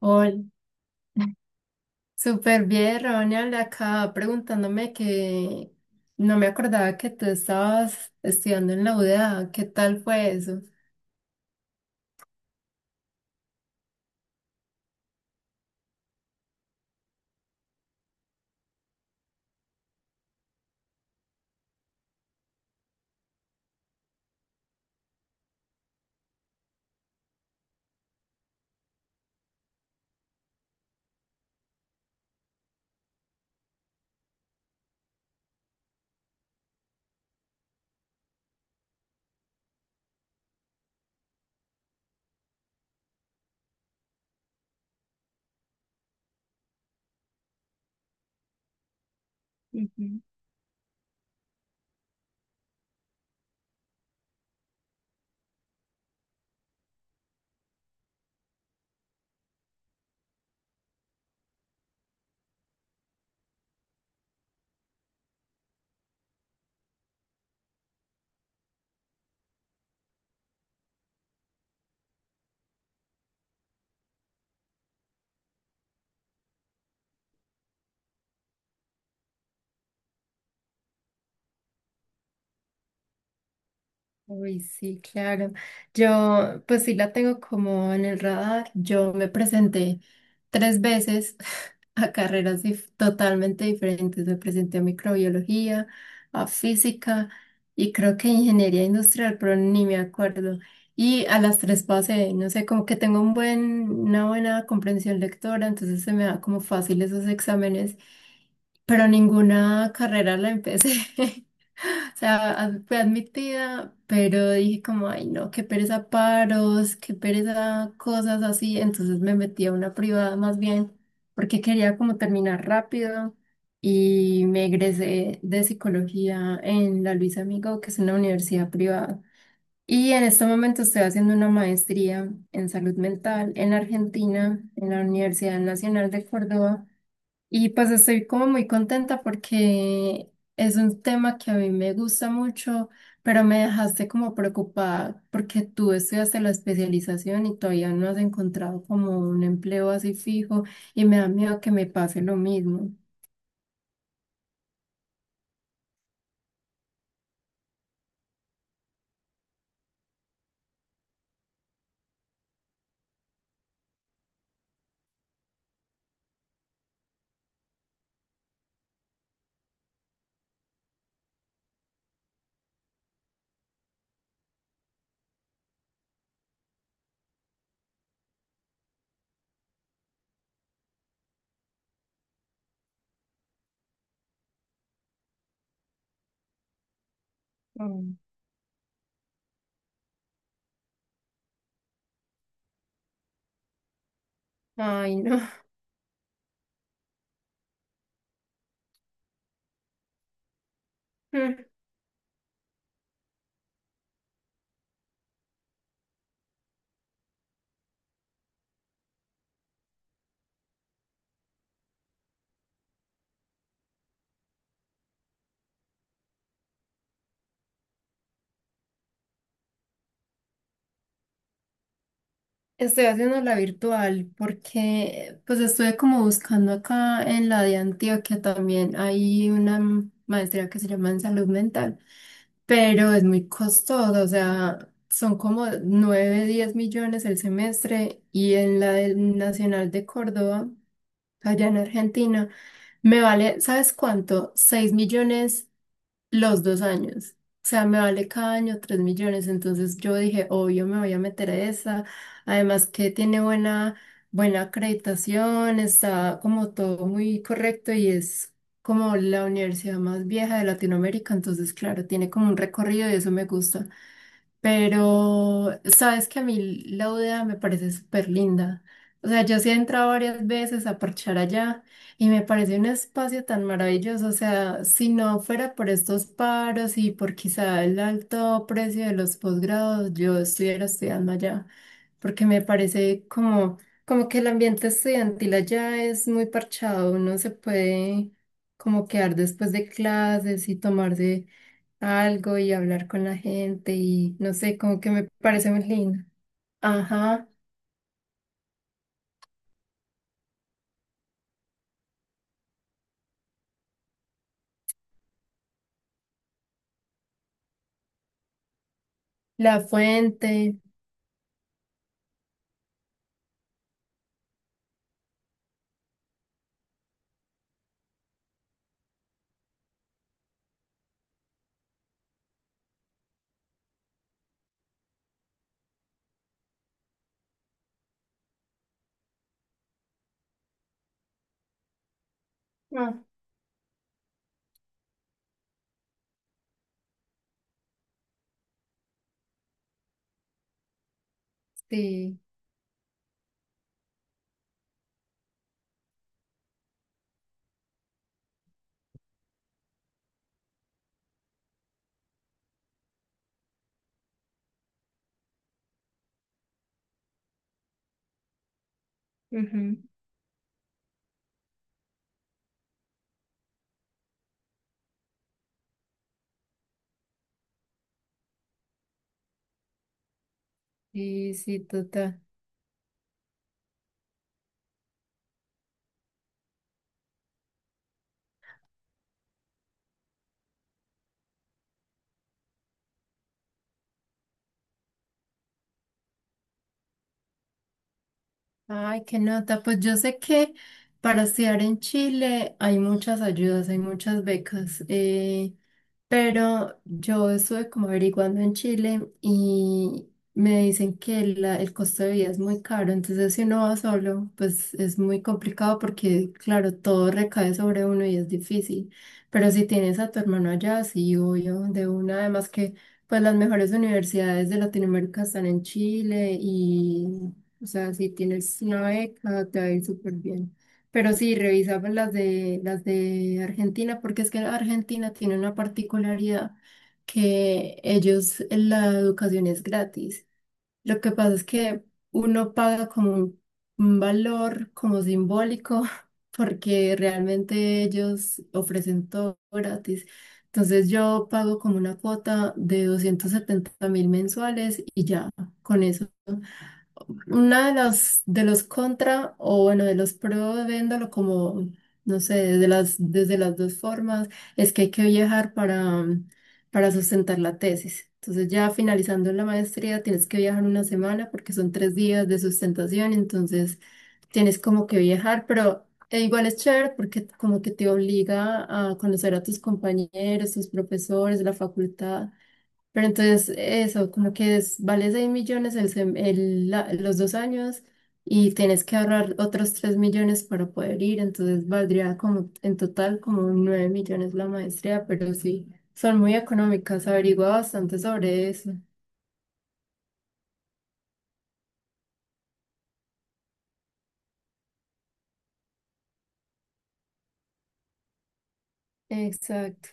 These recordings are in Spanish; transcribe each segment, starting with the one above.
Hola, súper bien, Ronald, acá preguntándome que no me acordaba que tú estabas estudiando en la UDA, ¿qué tal fue eso? Ujú. Uy, sí, claro. Yo, pues sí la tengo como en el radar. Yo me presenté tres veces a totalmente diferentes. Me presenté a microbiología, a física y creo que ingeniería industrial, pero ni me acuerdo. Y a las tres pasé, no sé, como que tengo un buen, una buena comprensión lectora, entonces se me da como fácil esos exámenes, pero ninguna carrera la empecé. O sea, fue admitida, pero dije como, ay no, qué pereza paros, qué pereza cosas así. Entonces me metí a una privada más bien, porque quería como terminar rápido y me egresé de psicología en la Luis Amigo, que es una universidad privada. Y en este momento estoy haciendo una maestría en salud mental en Argentina, en la Universidad Nacional de Córdoba. Y pues estoy como muy contenta porque es un tema que a mí me gusta mucho, pero me dejaste como preocupada porque tú estudiaste la especialización y todavía no has encontrado como un empleo así fijo y me da miedo que me pase lo mismo. Mm. Ay, no. Estoy haciendo la virtual porque pues estuve como buscando acá en la de Antioquia también hay una maestría que se llama en salud mental, pero es muy costosa, o sea, son como 9, 10 millones el semestre y en la del Nacional de Córdoba, allá en Argentina, me vale, ¿sabes cuánto? 6 millones los 2 años. O sea, me vale cada año 3 millones. Entonces yo dije, obvio, me voy a meter a esa. Además que tiene buena, buena acreditación, está como todo muy correcto y es como la universidad más vieja de Latinoamérica. Entonces, claro, tiene como un recorrido y eso me gusta. Pero sabes que a mí la UDA me parece súper linda. O sea, yo sí he entrado varias veces a parchar allá y me parece un espacio tan maravilloso. O sea, si no fuera por estos paros y por quizá el alto precio de los posgrados, yo estuviera estudiando allá, porque me parece como, como que el ambiente estudiantil allá es muy parchado. Uno se puede como quedar después de clases y tomarse algo y hablar con la gente y no sé, como que me parece muy lindo. Ajá, la fuente. Ah, sí. Ujú. Sí, sí, total. Ay, qué nota. Pues yo sé que para estudiar en Chile hay muchas ayudas, hay muchas becas, pero yo estuve como averiguando en Chile y me dicen que el costo de vida es muy caro. Entonces, si uno va solo, pues es muy complicado porque, claro, todo recae sobre uno y es difícil. Pero si tienes a tu hermano allá, sí, obvio, de una, además que... Pues las mejores universidades de Latinoamérica están en Chile y, o sea, si tienes una beca, te va a ir súper bien. Pero sí, revisa pues, las de Argentina, porque es que Argentina tiene una particularidad que ellos, la educación es gratis. Lo que pasa es que uno paga como un valor como simbólico, porque realmente ellos ofrecen todo gratis. Entonces yo pago como una cuota de 270.000 mensuales y ya, con eso. Una de las de los contra o bueno, de los pro, viéndolo como, no sé, desde las dos formas, es que hay que viajar para sustentar la tesis. Entonces ya finalizando la maestría tienes que viajar una semana porque son 3 días de sustentación, entonces tienes como que viajar, pero e igual es chévere porque como que te obliga a conocer a tus compañeros, tus profesores, la facultad. Pero entonces eso, como que vale 6 millones el sem- el la- los 2 años y tienes que ahorrar otros 3 millones para poder ir, entonces valdría como en total como 9 millones la maestría, pero sí, son muy económicas, averigua bastante sobre eso. Exacto.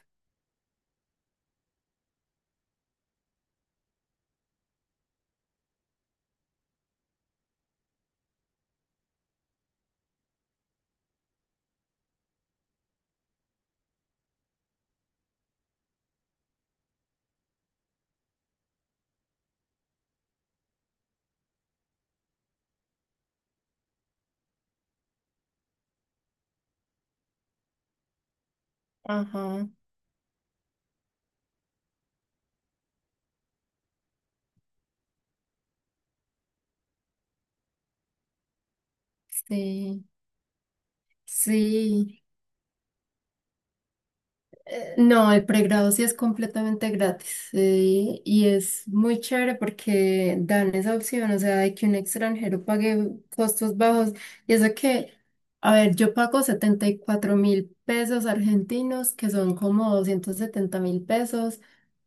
Ajá, sí, sí. No, El pregrado sí es completamente gratis, y es muy chévere porque dan esa opción, o sea, de que un extranjero pague costos bajos. Y eso que, a ver, yo pago 74 mil pesos argentinos, que son como 270 mil pesos,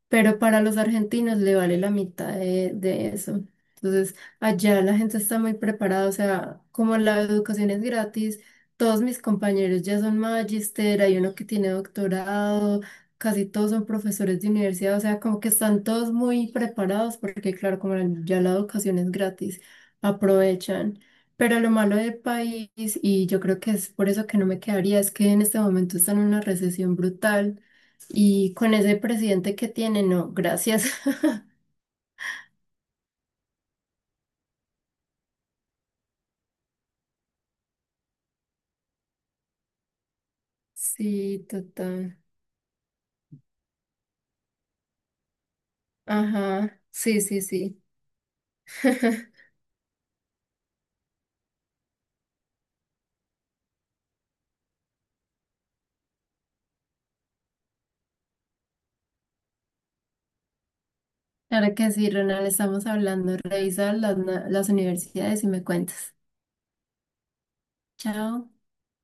pero para los argentinos le vale la mitad de eso. Entonces, allá la gente está muy preparada, o sea, como la educación es gratis. Todos mis compañeros ya son magister, hay uno que tiene doctorado, casi todos son profesores de universidad, o sea, como que están todos muy preparados porque, claro, como ya la educación es gratis, aprovechan. Pero lo malo del país, y yo creo que es por eso que no me quedaría, es que en este momento está en una recesión brutal y con ese presidente que tiene, no, gracias. Sí, total. Ajá, sí, sí, sí. Claro que sí, Ronald, estamos hablando. Revisa las universidades y me cuentas. Chao.